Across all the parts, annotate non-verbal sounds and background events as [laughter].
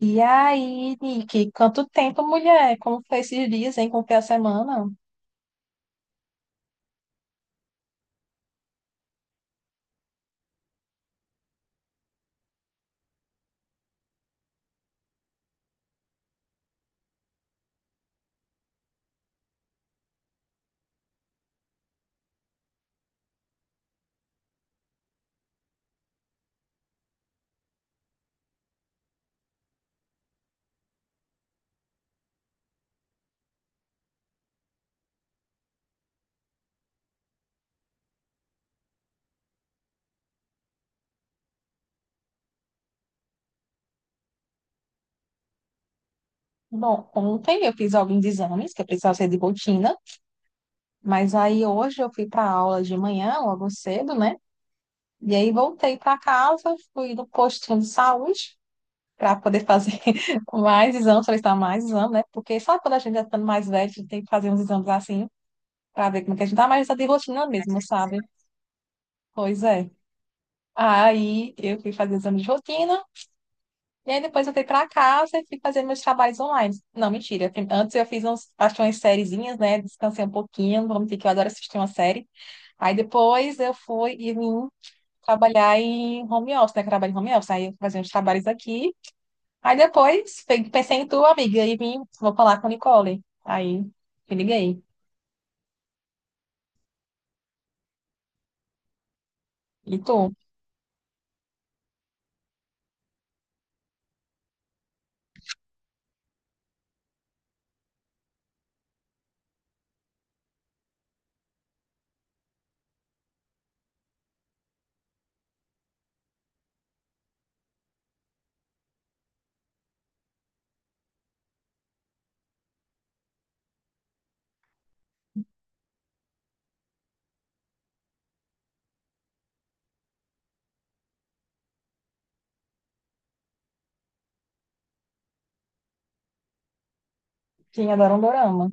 E aí, Nick, quanto tempo, mulher? Como foi esses dias, hein? Como foi a semana? Bom, ontem eu fiz alguns exames que eu precisava ser de rotina, mas aí hoje eu fui para aula de manhã, logo cedo, né? E aí voltei para casa, fui no postinho de saúde para poder fazer [laughs] mais exames, solicitar mais exame, né? Porque sabe quando a gente está ficando mais velho, a gente tem que fazer uns exames assim para ver como é que a gente tá, mas tá de rotina mesmo, sabe? Pois é. Aí eu fui fazer exame de rotina. E aí depois eu fui pra casa e fui fazer meus trabalhos online. Não, mentira. Antes eu fiz uns, acho que umas sériezinhas, né? Descansei um pouquinho, vamos dizer que eu adoro assistir uma série. Aí depois eu fui e vim trabalhar em home office, né? Que eu trabalho em home office. Aí eu fazia uns trabalhos aqui. Aí depois pensei em tu, amiga, e vim, vou falar com a Nicole. Aí me liguei. E tu, que adora um dorama.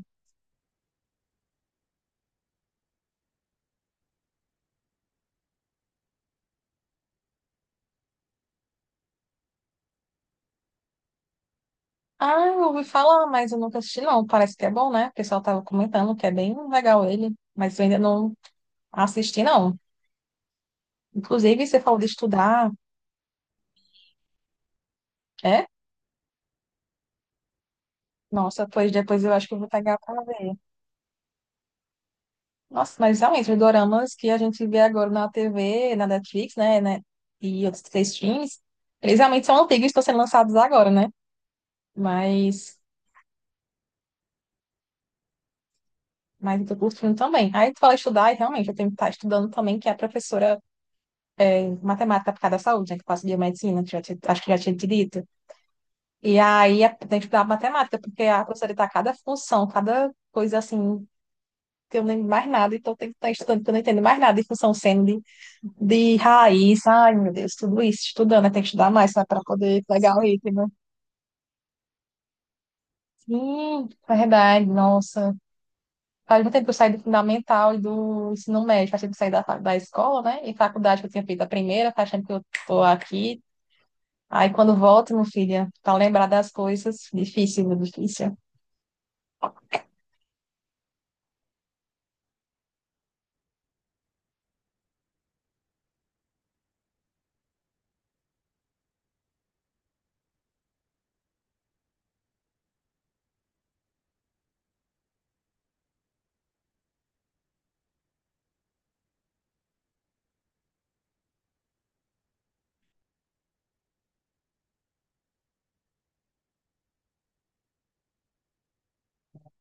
Ah, eu ouvi falar, mas eu nunca assisti, não. Parece que é bom, né? O pessoal tava comentando que é bem legal ele, mas eu ainda não assisti, não. Inclusive, você falou de estudar, é? Nossa, pois depois eu acho que eu vou pegar pra ver. Nossa, mas realmente, os doramas que a gente vê agora na TV, na Netflix, né, e outros três filmes, eles realmente são antigos e estão sendo lançados agora, né? Mas, mas eu tô curtindo também. Aí tu fala estudar, e realmente, eu tenho que estar estudando também, que é a professora de matemática aplicada à saúde, né, que passa biomedicina, que acho que já tinha te dito. E aí tem que estudar matemática, porque a professora tá cada função, cada coisa assim que eu não lembro mais nada, então eu tenho que estar estudando, porque eu não entendo mais nada de função seno, de raiz. Ai, meu Deus, tudo isso, estudando, né? Tem que estudar mais, para poder pegar o item. Sim, é verdade, nossa. Faz muito tempo que eu saí do fundamental e do ensino médio, faz tempo que eu saí da escola, né? E faculdade que eu tinha feito a primeira, faz tempo que eu tô aqui. Aí quando volto, meu filho, para lembrar das coisas, difícil, viu? Difícil.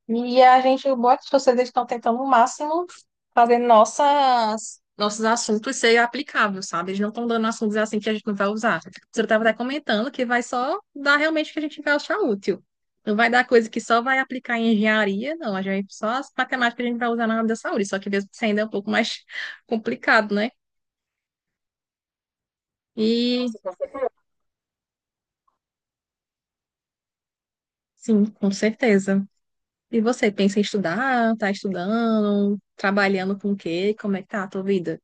E a gente, boas vocês estão tentando o máximo fazer nossos assuntos ser aplicáveis, sabe? Eles não estão dando assuntos assim que a gente não vai usar. Você estava até comentando que vai só dar realmente o que a gente vai achar útil. Não vai dar coisa que só vai aplicar em engenharia, não. A gente, só as matemáticas que a gente vai usar na área da saúde, só que mesmo assim ainda é um pouco mais [laughs] complicado, né? E sim, com certeza. E você pensa em estudar? Tá estudando? Trabalhando com o quê? Como é que tá a tua vida?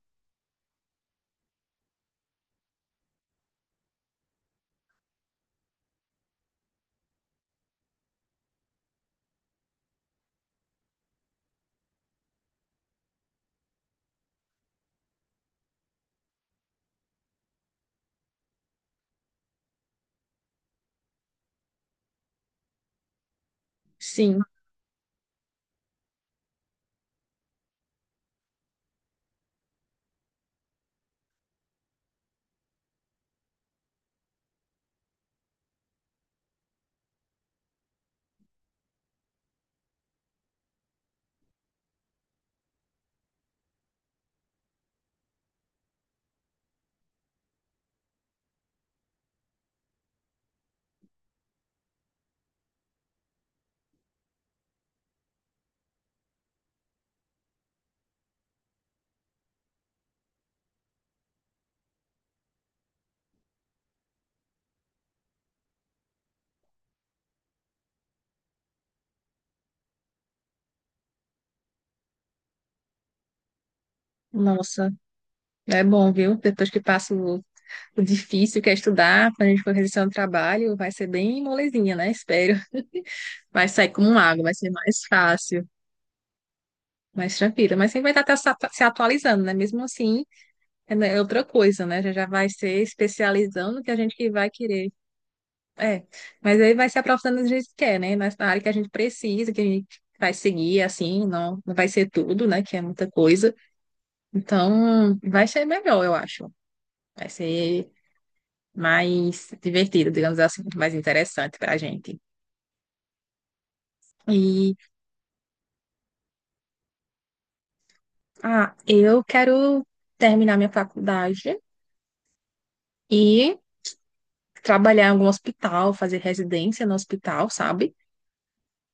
Sim. Nossa. É bom, viu? Depois que passa o difícil que é estudar, quando a gente for realizar um trabalho, vai ser bem molezinha, né? Espero. [laughs] Vai sair como água, vai ser mais fácil, mais tranquila. Mas sempre vai estar se atualizando, né? Mesmo assim, é né, é outra coisa, né? Já já vai ser especializando que a gente que vai querer. É, mas aí vai se aprofundando do jeito que quer, né? Mas na área que a gente precisa, que a gente vai seguir, assim, não vai ser tudo, né? Que é muita coisa. Então, vai ser melhor, eu acho. Vai ser mais divertido, digamos assim, muito mais interessante para a gente. E ah, eu quero terminar minha faculdade e trabalhar em algum hospital, fazer residência no hospital, sabe?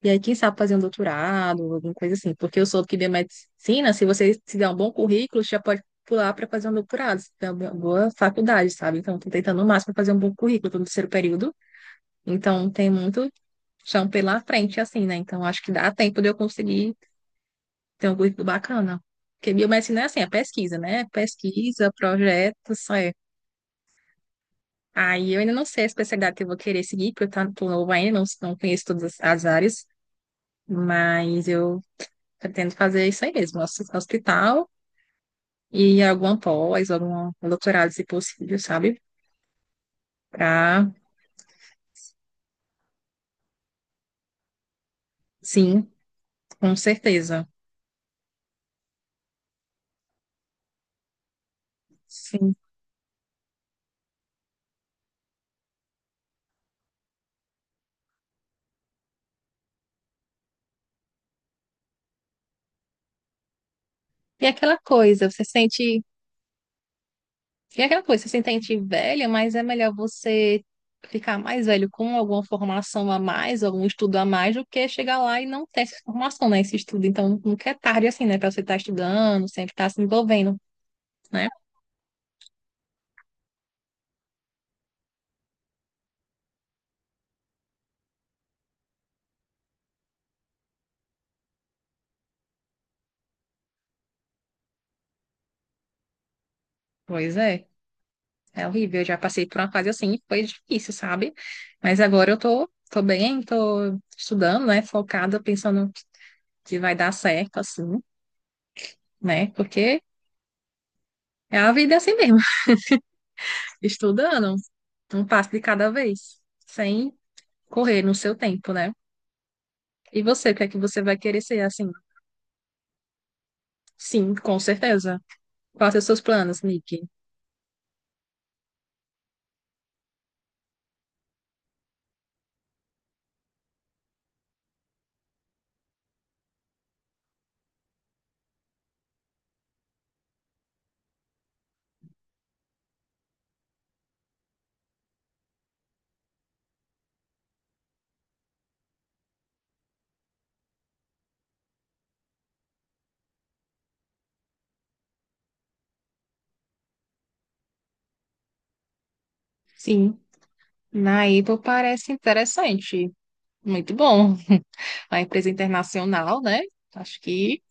E aí, quem sabe fazer um doutorado, alguma coisa assim, porque eu soube que biomedicina, se você se der um bom currículo, você já pode pular para fazer um doutorado, se der uma boa faculdade, sabe? Então, estou tentando o máximo fazer um bom currículo, estou no terceiro período, então tem muito chão pela frente, assim, né? Então, acho que dá tempo de eu conseguir Tem um currículo bacana. Porque biomedicina é assim, é pesquisa, né? Pesquisa, projetos, é. Aí eu ainda não sei a especialidade que eu vou querer seguir, porque tô novo ainda, não conheço todas as áreas, mas eu pretendo fazer isso aí mesmo, hospital e alguma pós, algum doutorado, se possível, sabe? Pra, sim, com certeza. Sim. E aquela coisa, você sente E é aquela coisa, você se sente velha, mas é melhor você ficar mais velho com alguma formação a mais, algum estudo a mais, do que chegar lá e não ter essa formação, né? Esse estudo. Então, nunca é tarde assim, né? Pra você estar estudando, sempre estar se envolvendo, né? Pois é, é horrível. Eu já passei por uma fase assim, e foi difícil, sabe? Mas agora tô bem, tô estudando, né? Focada, pensando que vai dar certo, assim, né? Porque é a vida assim mesmo, [laughs] estudando, um passo de cada vez. Sem correr no seu tempo, né? E você, o que é que você vai querer ser assim? Sim, com certeza. Quais são os seus planos, Nick? Sim, na Apple parece interessante. Muito bom. [laughs] Uma empresa internacional, né? Acho que.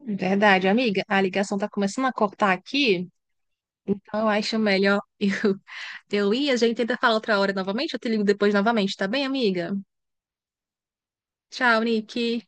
Verdade, amiga. A ligação tá começando a cortar aqui. Então eu acho melhor [laughs] eu ir. A gente tenta falar outra hora novamente. Eu te ligo depois novamente, tá bem, amiga? Tchau, Nick.